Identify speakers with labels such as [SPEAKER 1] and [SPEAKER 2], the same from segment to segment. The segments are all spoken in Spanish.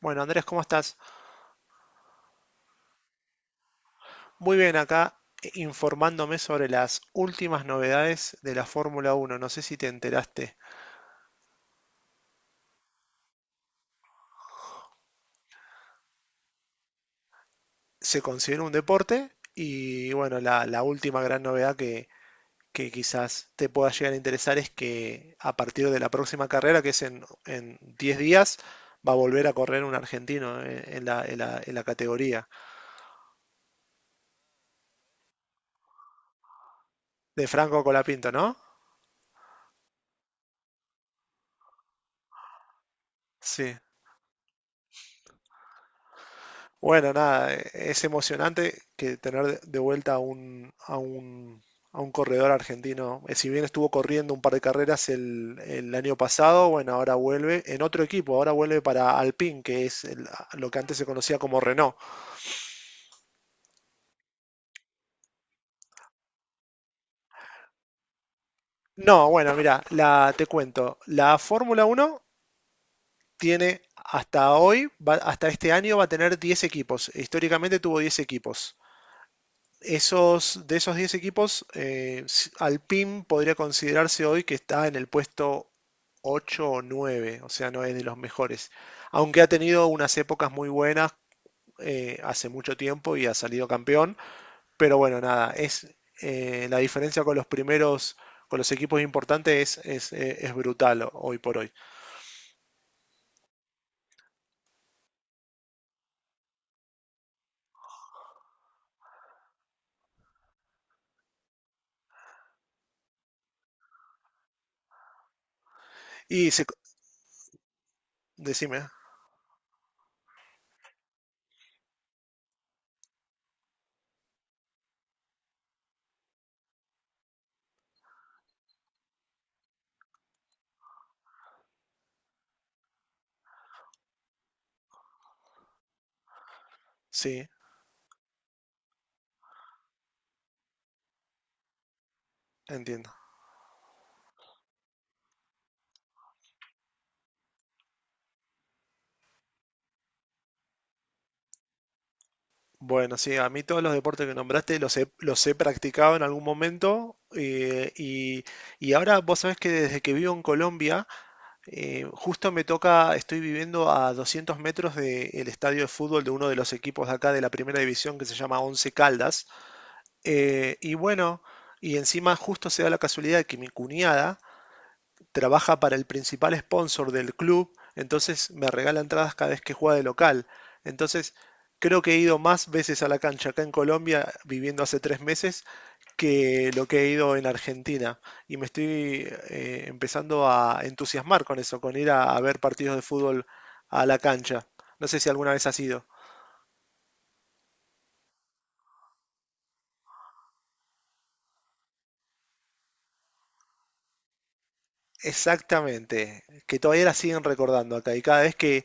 [SPEAKER 1] Bueno, Andrés, ¿cómo estás? Muy bien, acá informándome sobre las últimas novedades de la Fórmula Uno. No sé si te enteraste. Se considera un deporte y bueno, la última gran novedad que quizás te pueda llegar a interesar es que a partir de la próxima carrera, que es en 10 días, va a volver a correr un argentino en la categoría de Franco Colapinto, ¿no? Sí. Bueno, nada, es emocionante que tener de vuelta a un, a un, a un corredor argentino. Si bien estuvo corriendo un par de carreras el año pasado, bueno, ahora vuelve en otro equipo, ahora vuelve para Alpine, que es lo que antes se conocía como Renault. No, bueno, mira, te cuento, la Fórmula Uno tiene hasta hoy, hasta este año va a tener 10 equipos. Históricamente tuvo 10 equipos. De esos 10 equipos, Alpine podría considerarse hoy que está en el puesto 8 o 9, o sea, no es de los mejores. Aunque ha tenido unas épocas muy buenas hace mucho tiempo y ha salido campeón, pero bueno, nada, es la diferencia con los primeros, con los equipos importantes es brutal hoy por hoy. Y se, decime, sí, entiendo. Bueno, sí, a mí todos los deportes que nombraste los he practicado en algún momento y ahora vos sabés que desde que vivo en Colombia, justo me toca, estoy viviendo a 200 metros del estadio de fútbol de uno de los equipos de acá de la primera división que se llama Once Caldas. Eh, y bueno, y encima justo se da la casualidad de que mi cuñada trabaja para el principal sponsor del club, entonces me regala entradas cada vez que juega de local. Entonces, creo que he ido más veces a la cancha acá en Colombia, viviendo hace 3 meses, que lo que he ido en Argentina. Y me estoy empezando a entusiasmar con eso, con ir a ver partidos de fútbol a la cancha. No sé si alguna vez has ido. Exactamente, que todavía la siguen recordando acá y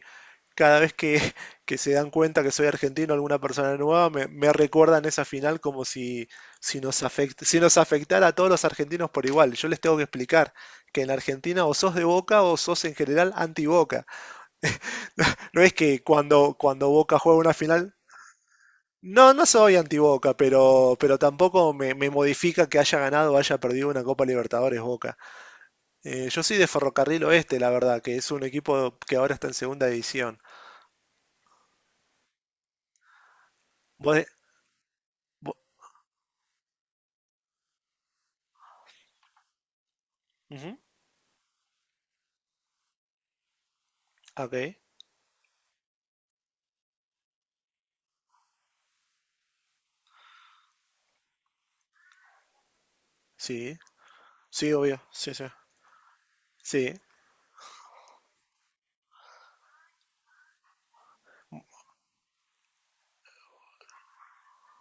[SPEAKER 1] cada vez que, que se dan cuenta que soy argentino, alguna persona nueva, me recuerdan esa final como si nos afectara a todos los argentinos por igual. Yo les tengo que explicar que en Argentina o sos de Boca o sos en general anti-Boca. No es que cuando Boca juega una final... No, no soy anti-Boca, pero tampoco me modifica que haya ganado o haya perdido una Copa Libertadores Boca. Yo soy de Ferrocarril Oeste, la verdad, que es un equipo que ahora está en segunda división. Vos de- vo- Ujú, ok. Sí, sí, obvio. Sí, sí. Sí.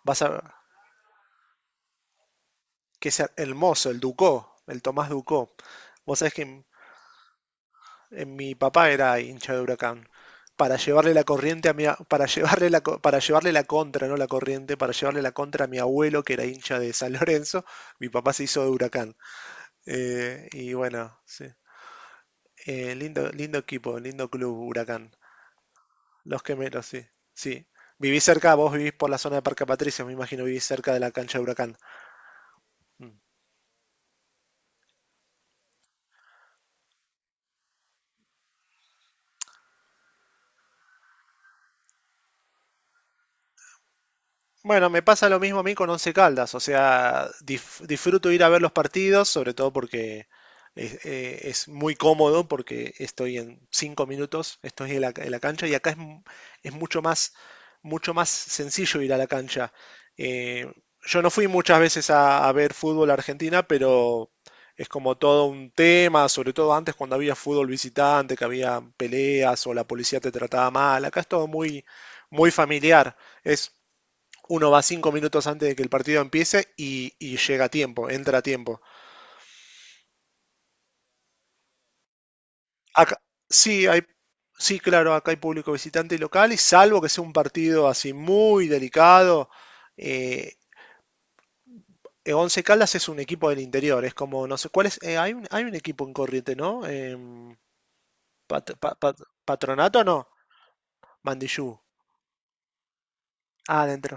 [SPEAKER 1] Vas a. Que sea el mozo, el Ducó, el Tomás Ducó. Vos sabés que en mi papá era hincha de Huracán. Para llevarle la corriente a para llevarle para llevarle la contra, no la corriente, para llevarle la contra a mi abuelo que era hincha de San Lorenzo, mi papá se hizo de Huracán. Y bueno, sí. Lindo, lindo equipo, lindo club, Huracán. Los Quemeros, sí. Sí. Vivís cerca, vos vivís por la zona de Parque Patricios, me imagino vivís cerca de la cancha de Huracán. Mm. Bueno, me pasa lo mismo a mí con Once Caldas, o sea, disfruto ir a ver los partidos, sobre todo porque es muy cómodo, porque estoy en 5 minutos, estoy en la cancha y acá es mucho más sencillo ir a la cancha. Eh, yo no fui muchas veces a ver fútbol a Argentina, pero es como todo un tema, sobre todo antes cuando había fútbol visitante, que había peleas o la policía te trataba mal, acá es todo muy, muy familiar. Es Uno va 5 minutos antes de que el partido empiece y llega a tiempo, entra a tiempo. Acá, sí, hay, sí, claro, acá hay público visitante y local, y salvo que sea un partido así muy delicado, eh, Once Caldas es un equipo del interior, es como, no sé, ¿cuál es? Hay un equipo en corriente, ¿no? Pat, pat, pat, ¿Patronato no? Mandillú. Ah, adentro.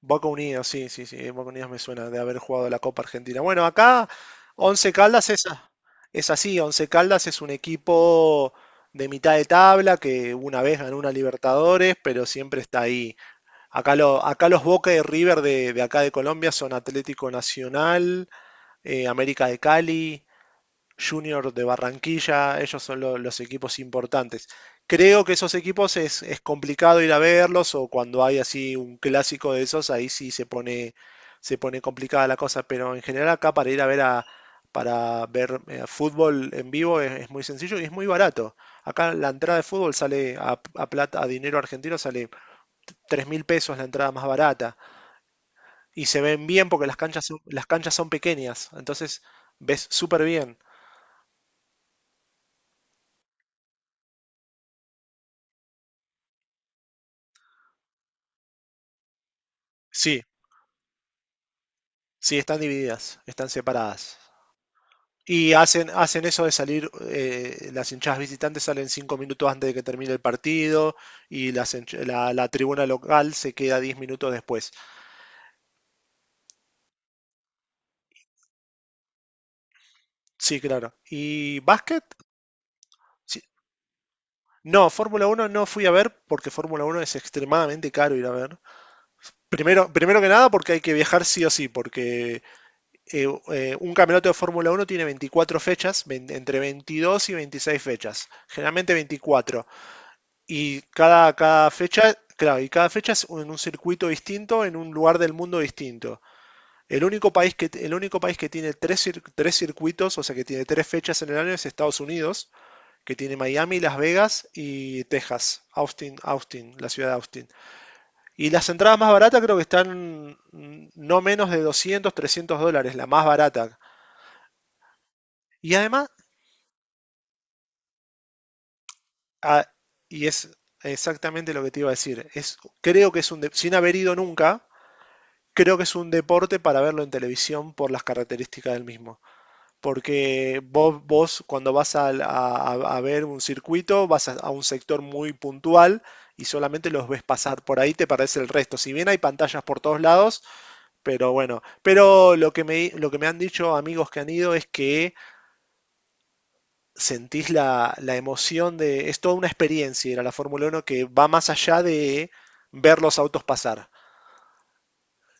[SPEAKER 1] Boca Unidos, sí, sí, sí, Boca Unidos me suena de haber jugado la Copa Argentina. Bueno, acá Once Caldas es así, Once Caldas es un equipo de mitad de tabla que una vez ganó una Libertadores, pero siempre está ahí. Acá, acá los Boca y River de acá de Colombia son Atlético Nacional, América de Cali, Junior de Barranquilla, ellos son los equipos importantes. Creo que esos equipos es complicado ir a verlos o cuando hay así un clásico de esos, ahí sí se pone complicada la cosa, pero en general acá para ir a ver a, para ver fútbol en vivo es muy sencillo y es muy barato. Acá la entrada de fútbol sale a plata, a dinero argentino sale 3.000 pesos la entrada más barata y se ven bien porque las canchas son pequeñas, entonces ves súper bien. Sí, sí, están divididas, están separadas. Y hacen eso de salir, las hinchadas visitantes salen 5 minutos antes de que termine el partido y la tribuna local se queda 10 minutos después. Sí, claro. ¿Y básquet? Sí. No, Fórmula Uno no fui a ver porque Fórmula Uno es extremadamente caro ir a ver. Primero que nada porque hay que viajar sí o sí, porque un campeonato de Fórmula Uno tiene 24 fechas, entre 22 y 26 fechas, generalmente 24. Y cada fecha, claro, y cada fecha es en un circuito distinto, en un lugar del mundo distinto. El único país que tiene tres circuitos, o sea, que tiene tres fechas en el año es Estados Unidos, que tiene Miami, Las Vegas y Texas, Austin, la ciudad de Austin. Y las entradas más baratas creo que están no menos de 200 $300, la más barata. Y además, ah, y es exactamente lo que te iba a decir, creo que sin haber ido nunca, creo que es un deporte para verlo en televisión por las características del mismo. Porque vos cuando vas a ver un circuito, vas a un sector muy puntual y solamente los ves pasar. Por ahí te parece el resto. Si bien hay pantallas por todos lados, pero bueno. Pero lo que me han dicho amigos que han ido es que sentís la emoción de... Es toda una experiencia ir a la Fórmula Uno que va más allá de ver los autos pasar.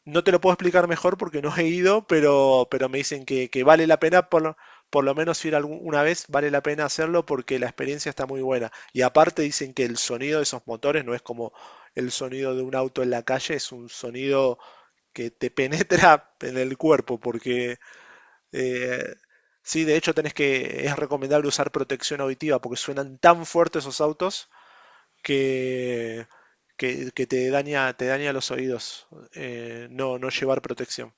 [SPEAKER 1] No te lo puedo explicar mejor porque no he ido, pero me dicen que vale la pena, por lo menos ir alguna vez, vale la pena hacerlo porque la experiencia está muy buena. Y aparte dicen que el sonido de esos motores no es como el sonido de un auto en la calle, es un sonido que te penetra en el cuerpo porque... eh, Sí, de hecho es recomendable usar protección auditiva porque suenan tan fuertes esos autos que, que te daña los oídos, no, no llevar protección.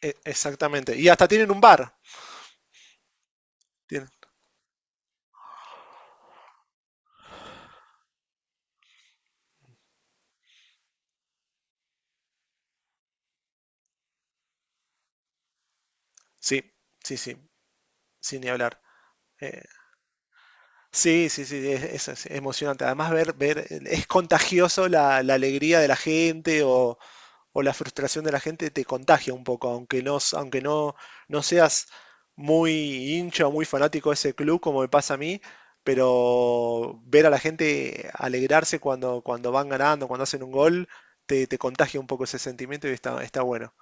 [SPEAKER 1] Exactamente. Y hasta tienen un bar. Tienen- Sí, sí, sí, sin ni hablar. Eh, sí, sí, sí, es emocionante. Además, es contagioso la alegría de la gente o la frustración de la gente te contagia un poco, aunque no, no seas muy hincha o muy fanático de ese club, como me pasa a mí, pero ver a la gente alegrarse cuando van ganando, cuando hacen un gol, te contagia un poco ese sentimiento y está bueno.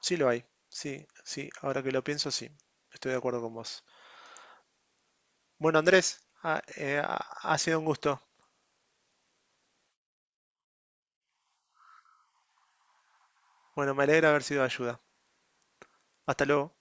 [SPEAKER 1] Sí lo hay, sí, sí, ahora que lo pienso, sí, estoy de acuerdo con vos. Bueno, Andrés, ha sido un gusto. Bueno, me alegra haber sido de ayuda. Hasta luego.